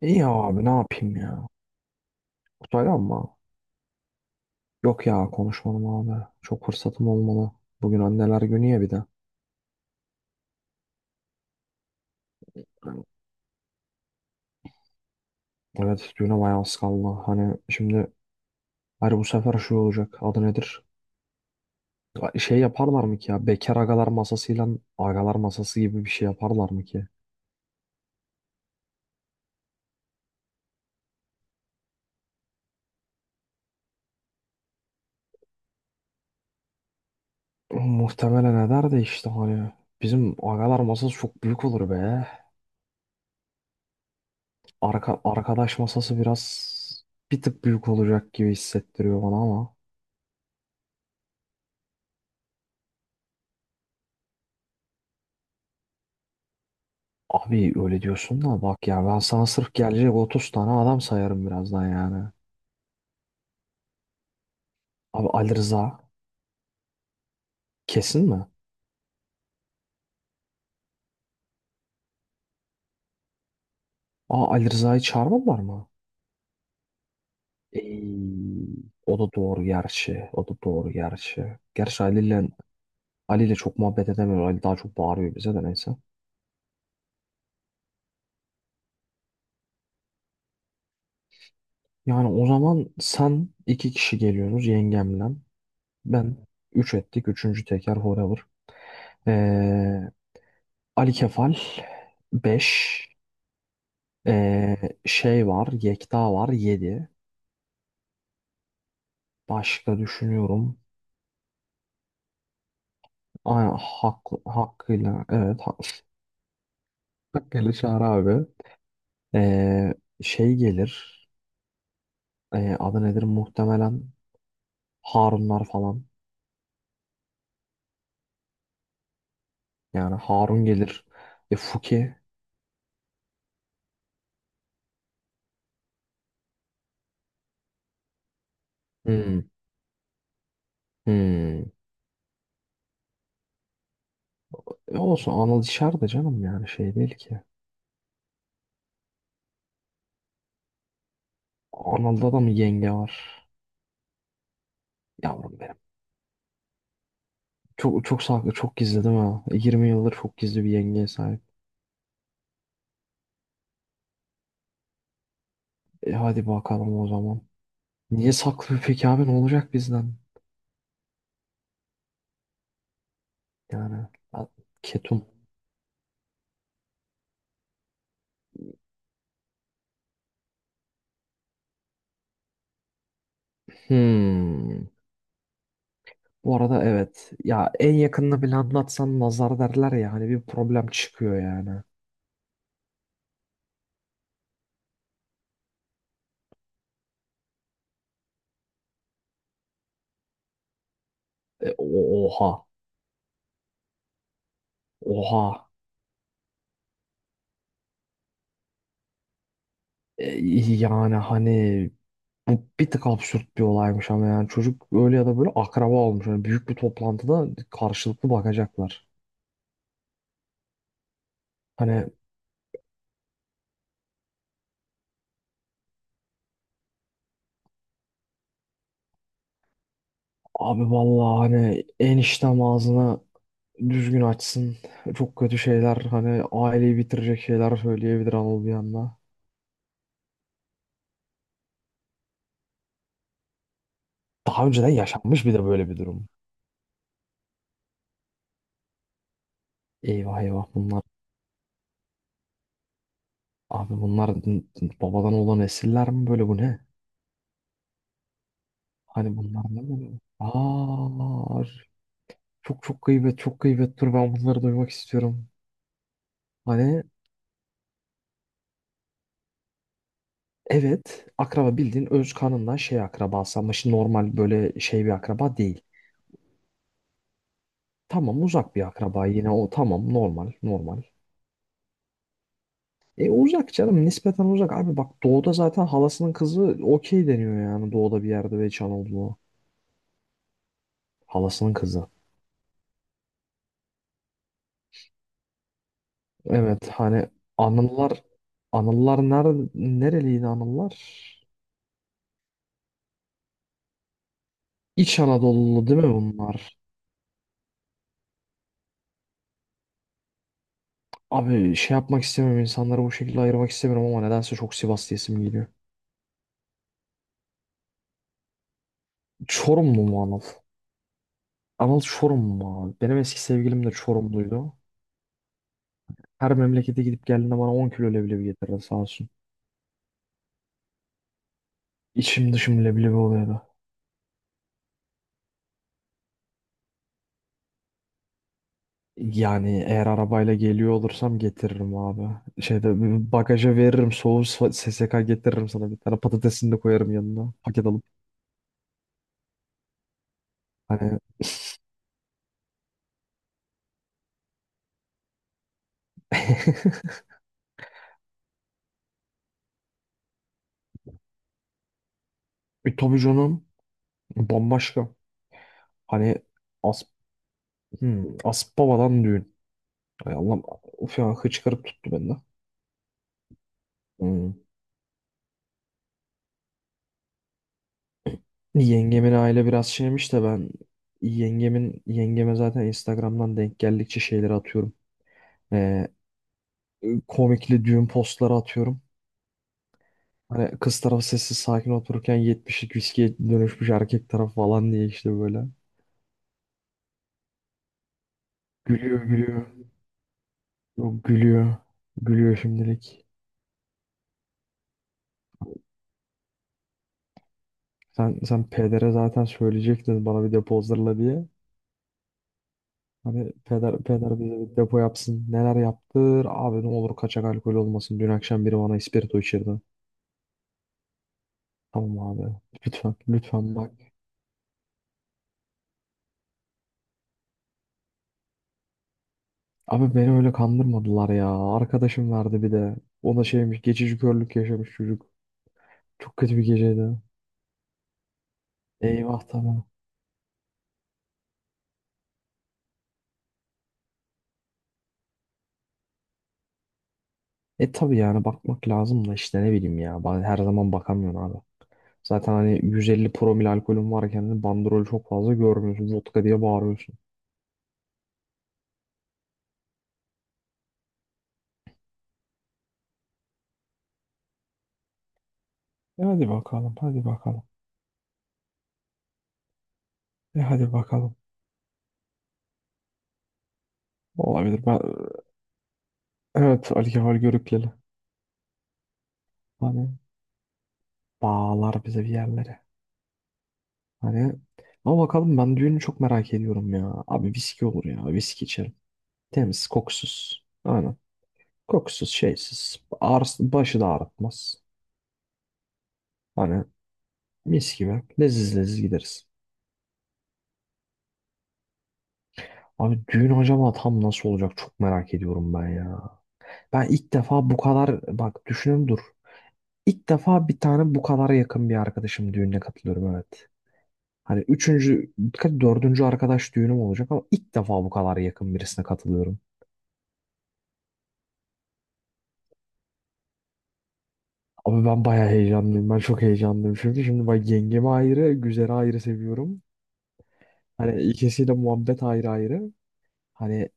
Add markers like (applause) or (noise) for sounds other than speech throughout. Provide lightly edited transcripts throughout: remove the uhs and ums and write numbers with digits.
İyi abi ne yapayım ya. Kutay ama yok ya konuşmadım abi. Çok fırsatım olmalı. Bugün anneler günü ya bir de. Evet düğüne bayağı az kaldı. Hani şimdi hani bu sefer şu olacak. Adı nedir? Şey yaparlar mı ki ya? Bekar agalar masasıyla agalar masası gibi bir şey yaparlar mı ki? Muhtemelen eder de işte hani bizim agalar masası çok büyük olur be. Arkadaş masası bir tık büyük olacak gibi hissettiriyor bana ama. Abi öyle diyorsun da bak ya ben sana sırf gelecek 30 tane adam sayarım birazdan yani. Abi Ali Rıza kesin mi? Aa, Ali Rıza'yı çağırmadılar mı? Ey, O da doğru gerçi. O da doğru gerçi. Gerçi Ali ile çok muhabbet edemiyor. Ali daha çok bağırıyor bize de neyse. Yani o zaman sen iki kişi geliyorsunuz yengemle. Ben üç ettik. Üçüncü teker forever. Ee, Ali Kefal beş. Ee, Şey var. Yekta var 7. Başka düşünüyorum. Aynen hakkıyla evet (laughs) hakkıyla Çağrı abi. Ee, Şey gelir. Adı nedir muhtemelen Harunlar falan. Yani Harun gelir. E, Fuki. Hmm. Hmm. E, olsun Anıl dışarıda canım yani şey değil ki. Anıl'da da mı yenge var? Yavrum benim. Çok çok saklı çok gizli değil mi? 20 yıldır çok gizli bir yengeye sahip. E, hadi bakalım o zaman. Niye saklı peki abi ne olacak bizden? Yani a- ketum. Hmm. Bu arada evet. Ya en yakınını bile anlatsan nazar derler ya hani bir problem çıkıyor yani. Oha. Oha. E, yani hani bu bir tık absürt bir olaymış ama yani çocuk öyle ya da böyle akraba olmuş. Yani büyük bir toplantıda karşılıklı bakacaklar. Hani abi vallahi hani eniştem ağzını düzgün açsın. Çok kötü şeyler hani aileyi bitirecek şeyler söyleyebilir Anıl bir anda. Daha önceden yaşanmış bir de böyle bir durum. Eyvah eyvah bunlar. Abi bunlar babadan olan esirler mi böyle bu ne? Hani bunlar ne böyle? Aa, çok çok gıybet çok gıybet dur ben bunları duymak istiyorum. Hani evet akraba bildiğin öz kanından şey akrabası ama şimdi normal böyle şey bir akraba değil. Tamam uzak bir akraba yine o tamam normal normal. E uzak canım nispeten uzak abi bak doğuda zaten halasının kızı okey deniyor yani doğuda bir yerde ve Çanollu halasının kızı. Evet hani Anıllar Anıllar nerede nereliydi Anıllar? İç Anadolu'lu değil mi bunlar? Abi şey yapmak istemiyorum insanları bu şekilde ayırmak istemiyorum ama nedense çok Sivas diyesim geliyor. Çorumlu mu Anıl? Anıl Çorumlu mu abi? Benim eski sevgilim de Çorumluydu. Her memlekete gidip geldiğinde bana 10 kilo leblebi getirirdi sağ olsun. İçim dışım leblebi oluyordu. Yani eğer arabayla geliyor olursam getiririm abi. Şeyde bagaja veririm SSK getiririm sana bir tane patatesini de koyarım yanına paket alıp. Hani (laughs) tabii canım bambaşka. Hani as Aspava'dan düğün. Ay Allah'ım uf ya hıçkırık tuttu bende. Hmm. Yengemin aile biraz şeymiş de ben yengeme zaten Instagram'dan denk geldikçe şeyleri atıyorum. Ee, Komikli düğün postları atıyorum. Hani kız tarafı sessiz sakin otururken 70'lik viskiye dönüşmüş erkek tarafı falan diye işte böyle. Gülüyor gülüyor. Yok, gülüyor. Gülüyor şimdilik. Sen pedere zaten söyleyecektin bana bir depo hazırla diye. Hani peder bize bir depo yapsın. Neler yaptır? Abi ne olur kaçak alkol olmasın. Dün akşam biri bana ispirto içirdi. Tamam abi. Lütfen bak. Abi beni öyle kandırmadılar ya. Arkadaşım vardı bir de. O da şeymiş geçici körlük yaşamış çocuk. Çok kötü bir geceydi. Eyvah tabii. E tabii yani bakmak lazım da işte ne bileyim ya. Ben her zaman bakamıyorum abi. Zaten hani 150 promil alkolün varken de bandrol çok fazla görmüyorsun. Vodka diye bağırıyorsun. E hadi bakalım, hadi bakalım. E hadi bakalım. Olabilir. Evet, alkol görükleli. Hani bağlar bize bir yerlere. Hani ama bakalım ben düğünü çok merak ediyorum ya. Abi viski olur ya. Viski içerim. Temiz, kokusuz. Aynen. Kokusuz, şeysiz. Ağrısı, başı da ağrıtmaz. Hani mis gibi. Leziz leziz gideriz. Abi düğün acaba tam nasıl olacak çok merak ediyorum ben ya. Ben ilk defa bu kadar bak düşünün dur. İlk defa bir tane bu kadar yakın bir arkadaşım düğününe katılıyorum evet. Hani dördüncü arkadaş düğünüm olacak ama ilk defa bu kadar yakın birisine katılıyorum. Abi ben bayağı heyecanlıyım. Ben çok heyecanlıyım çünkü şimdi bak yengemi ayrı, güzeli ayrı seviyorum. Hani ikisiyle muhabbet ayrı ayrı. Hani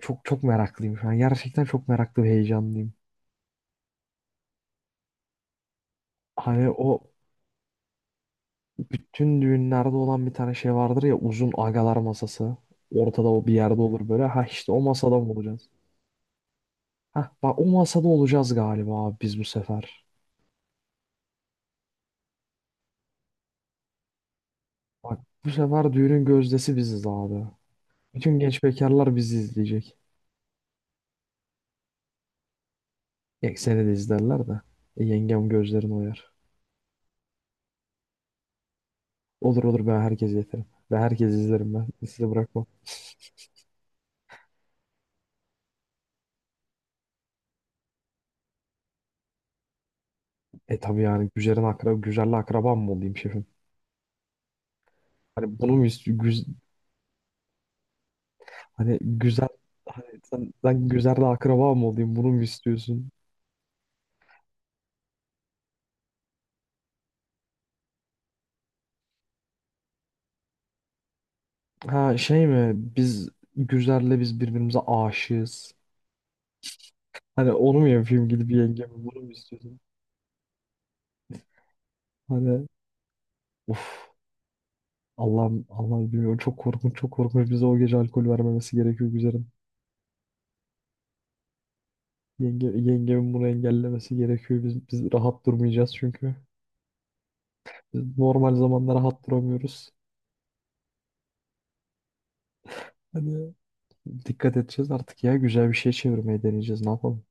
çok çok meraklıyım şu an. Gerçekten çok meraklı ve heyecanlıyım. Hani o, bütün düğünlerde olan bir tane şey vardır ya uzun agalar masası. Ortada o bir yerde olur böyle. Ha işte o masada mı olacağız? Ha bak o masada olacağız galiba abi biz bu sefer. Bak bu sefer düğünün gözdesi biziz abi. Bütün genç bekarlar bizi izleyecek. Ya seni de izlerler de. E, yengem gözlerini oyar. Olur olur ben herkese yeterim. Ve herkes izlerim ben. Sizi bırakmam. E tabii yani güzelle akrabam mı olayım şefim? Hani bunu mu istiyor? Hani ben Güzer'le akraba mı olayım bunu mu istiyorsun? Ha şey mi biz Güzer'le biz birbirimize aşığız. Hani onu mu yapayım gidip yengemi bunu mu istiyorsun? Hani of Allah'ım Allah'ım bilmiyorum çok korkunç çok korkunç bize o gece alkol vermemesi gerekiyor Güzer'in. Yengemin bunu engellemesi gerekiyor. Biz rahat durmayacağız çünkü. Biz normal zamanda rahat duramıyoruz. Hani dikkat edeceğiz artık ya güzel bir şey çevirmeye deneyeceğiz ne yapalım.